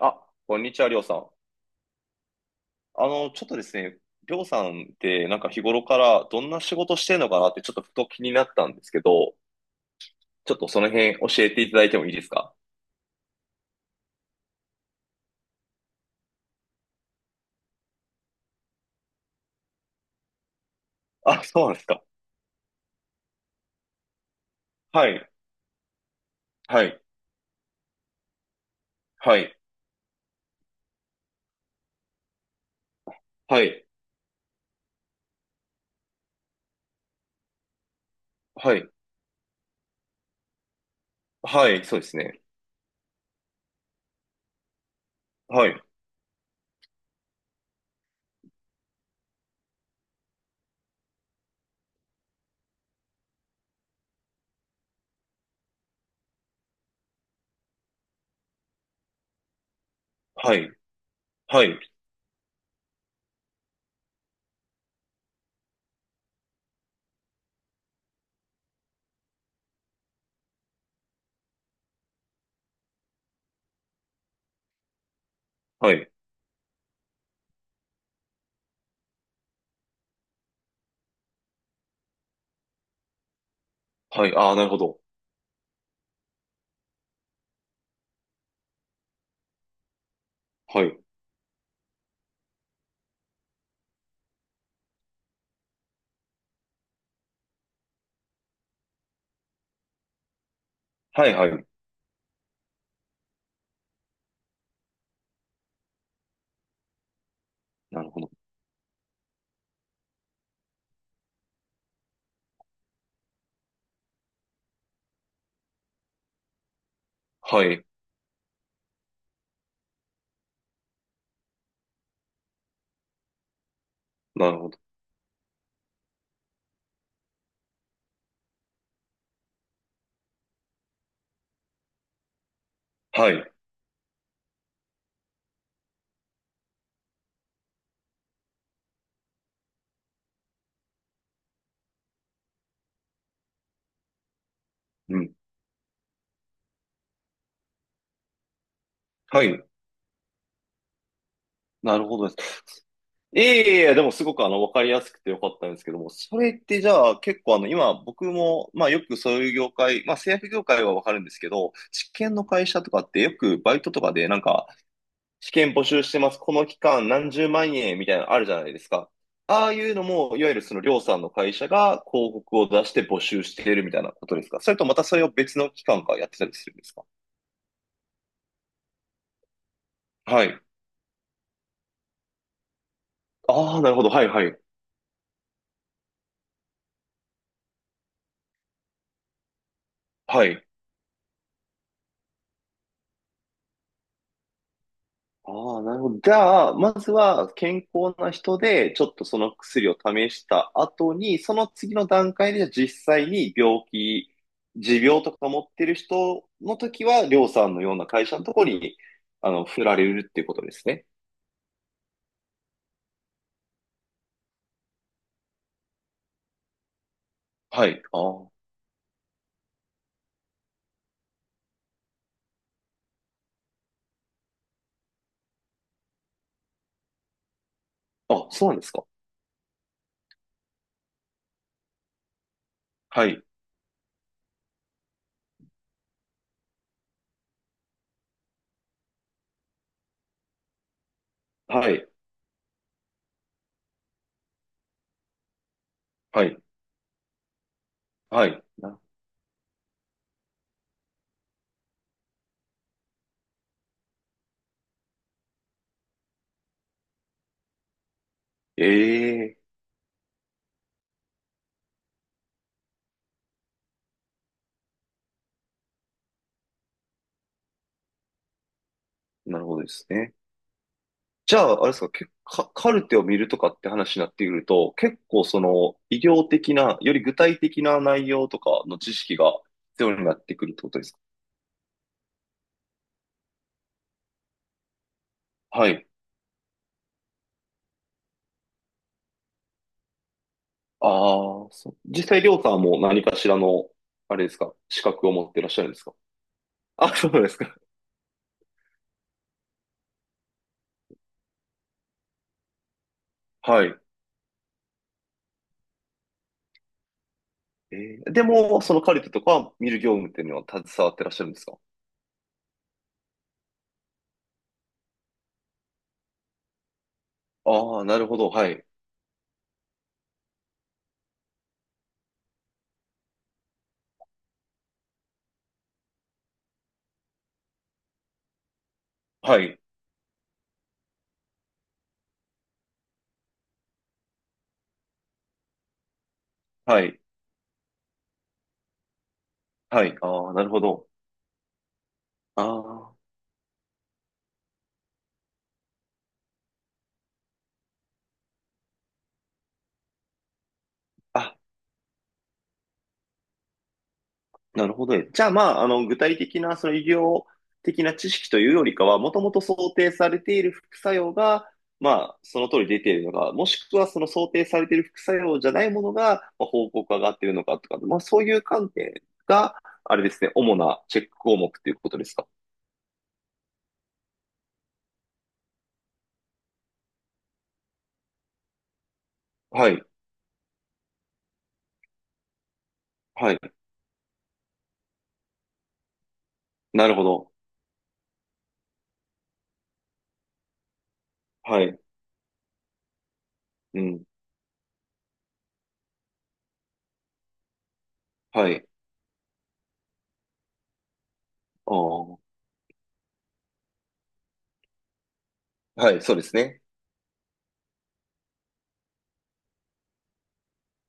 あ、こんにちは、りょうさん。ちょっとですね、りょうさんってなんか日頃からどんな仕事してんのかなってちょっとふと気になったんですけど、ちょっとその辺教えていただいてもいいですか？あ、そうなんですか。はい、はい、はい、はい、はい、はい、そうですね。はい、はい、はい、はい、はい、ああ、なるほど。はい、はい、はい、なるほど。はい、なるほど。はい、うん、はい、なるほどです。いえいえいえ、でもすごくわかりやすくてよかったんですけども、それってじゃあ結構今僕も、まあよくそういう業界、まあ製薬業界はわかるんですけど、試験の会社とかってよくバイトとかで試験募集してます、この期間何十万円みたいなのあるじゃないですか。ああいうのも、いわゆるそのりょうさんの会社が広告を出して募集しているみたいなことですか？それとまたそれを別の機関がやってたりするんですか？はい。ああ、なるほど。はいはい。はい。ああ、なるほど。じゃあ、まずは健康な人で、ちょっとその薬を試した後に、その次の段階で、じゃあ実際に病気、持病とか持ってる人の時は、りょうさんのような会社のところに、振られるっていうことですね。はい。ああ。あ、そうなんですか。はい。はい。はい。はい。ええ、なるほどですね。じゃあ、あれですか、カルテを見るとかって話になってくると、結構その医療的な、より具体的な内容とかの知識が必要になってくるってことですか？はい。ああ、そう。実際、りょうさんはもう何かしらの、あれですか、資格を持ってらっしゃるんですか？あ、そうですか。はい。えでも、そのカルテとか見る業務っていうのは携わってらっしゃるんですか？ああー、なるほど。はい。はい。はい。はい。ああ、なるほど。ああ。あ、なるほどね。じゃあ、まあ、具体的な、その医療的な知識というよりかは、もともと想定されている副作用が、まあ、その通り出ているのか、もしくはその想定されている副作用じゃないものが、まあ、報告上がっているのかとか、まあ、そういう観点が、あれですね、主なチェック項目ということですか。はい、はい、なるほど。はい、うん、はい、ああ、はい、そうですね。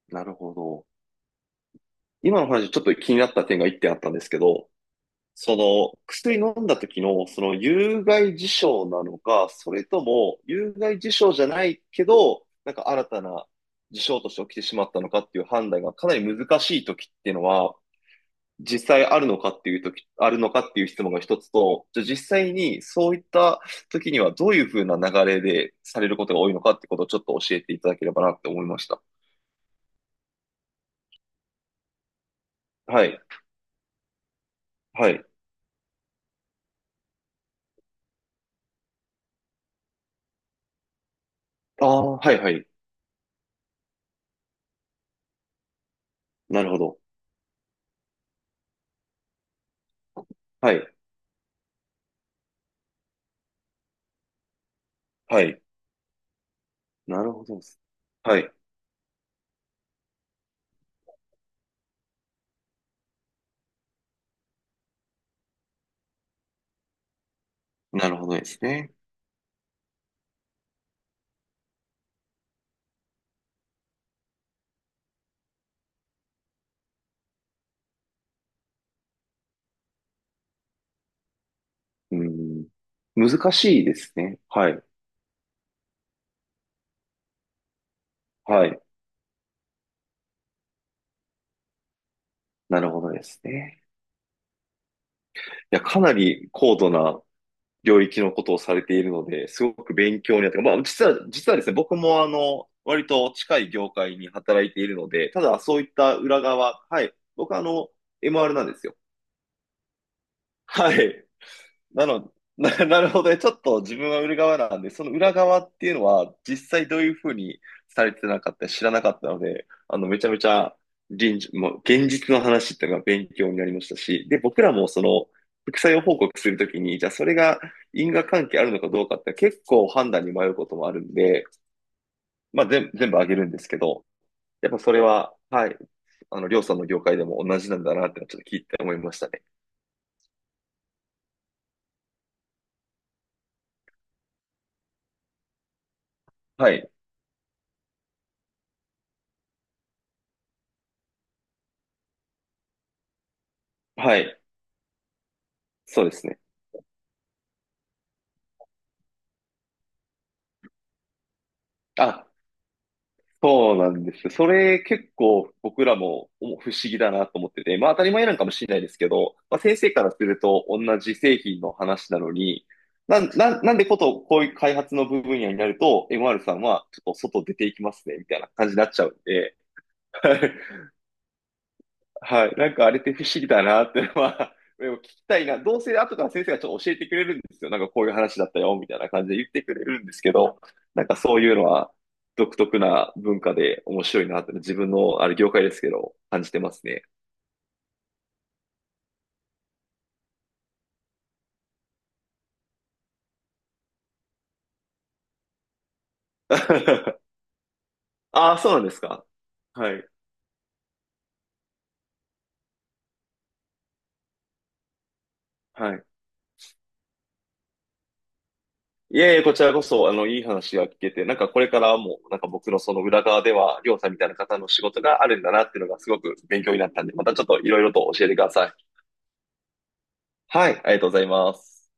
なるほど。今の話、ちょっと気になった点が一点あったんですけど、その薬飲んだ時のその有害事象なのか、それとも有害事象じゃないけど、なんか新たな事象として起きてしまったのかっていう判断がかなり難しい時っていうのは、実際あるのかっていう時、あるのかっていう質問が一つと、じゃあ実際にそういった時にはどういうふうな流れでされることが多いのかってことをちょっと教えていただければなって思いました。はい。はい。ああ、はいはい。なるほど。はい。はい。なるほどです。なるほどですね。うん。難しいですね。はい。はい。なるほどですね。いや、かなり高度な領域のことをされているので、すごく勉強になって、まあ、実はですね、僕も割と近い業界に働いているので、ただそういった裏側、はい。僕はMR なんですよ。はい。なの、なるほどね。ちょっと自分は売る側なんで、その裏側っていうのは、実際どういうふうにされてなかった知らなかったので、めちゃめちゃ臨時、もう現実の話っていうのが勉強になりましたし、で、僕らもその、副作用報告するときに、じゃあそれが因果関係あるのかどうかって結構判断に迷うこともあるんで、まあ全部あげるんですけど、やっぱそれは、はい、りょうさんの業界でも同じなんだなってのはちょっと聞いて思いましたね。はい、はい、そうですね。あ、そうなんですよ。それ結構僕らもお不思議だなと思ってて、まあ当たり前なんかもしれないですけど、まあ先生からすると同じ製品の話なのに、なんでこういう開発の部分野になると MR さんはちょっと外出ていきますねみたいな感じになっちゃうんで、はい。なんかあれって不思議だなってのは、でも聞きたいな。どうせ後から先生がちょっと教えてくれるんですよ。なんかこういう話だったよ、みたいな感じで言ってくれるんですけど、なんかそういうのは独特な文化で面白いなって自分のあれ業界ですけど、感じてますね。ああ、そうなんですか。はい。はい。いえいえ、こちらこそ、いい話が聞けて、なんかこれからも、なんか僕のその裏側では、りょうさんみたいな方の仕事があるんだなっていうのがすごく勉強になったんで、またちょっといろいろと教えてください。はい、ありがとうございます。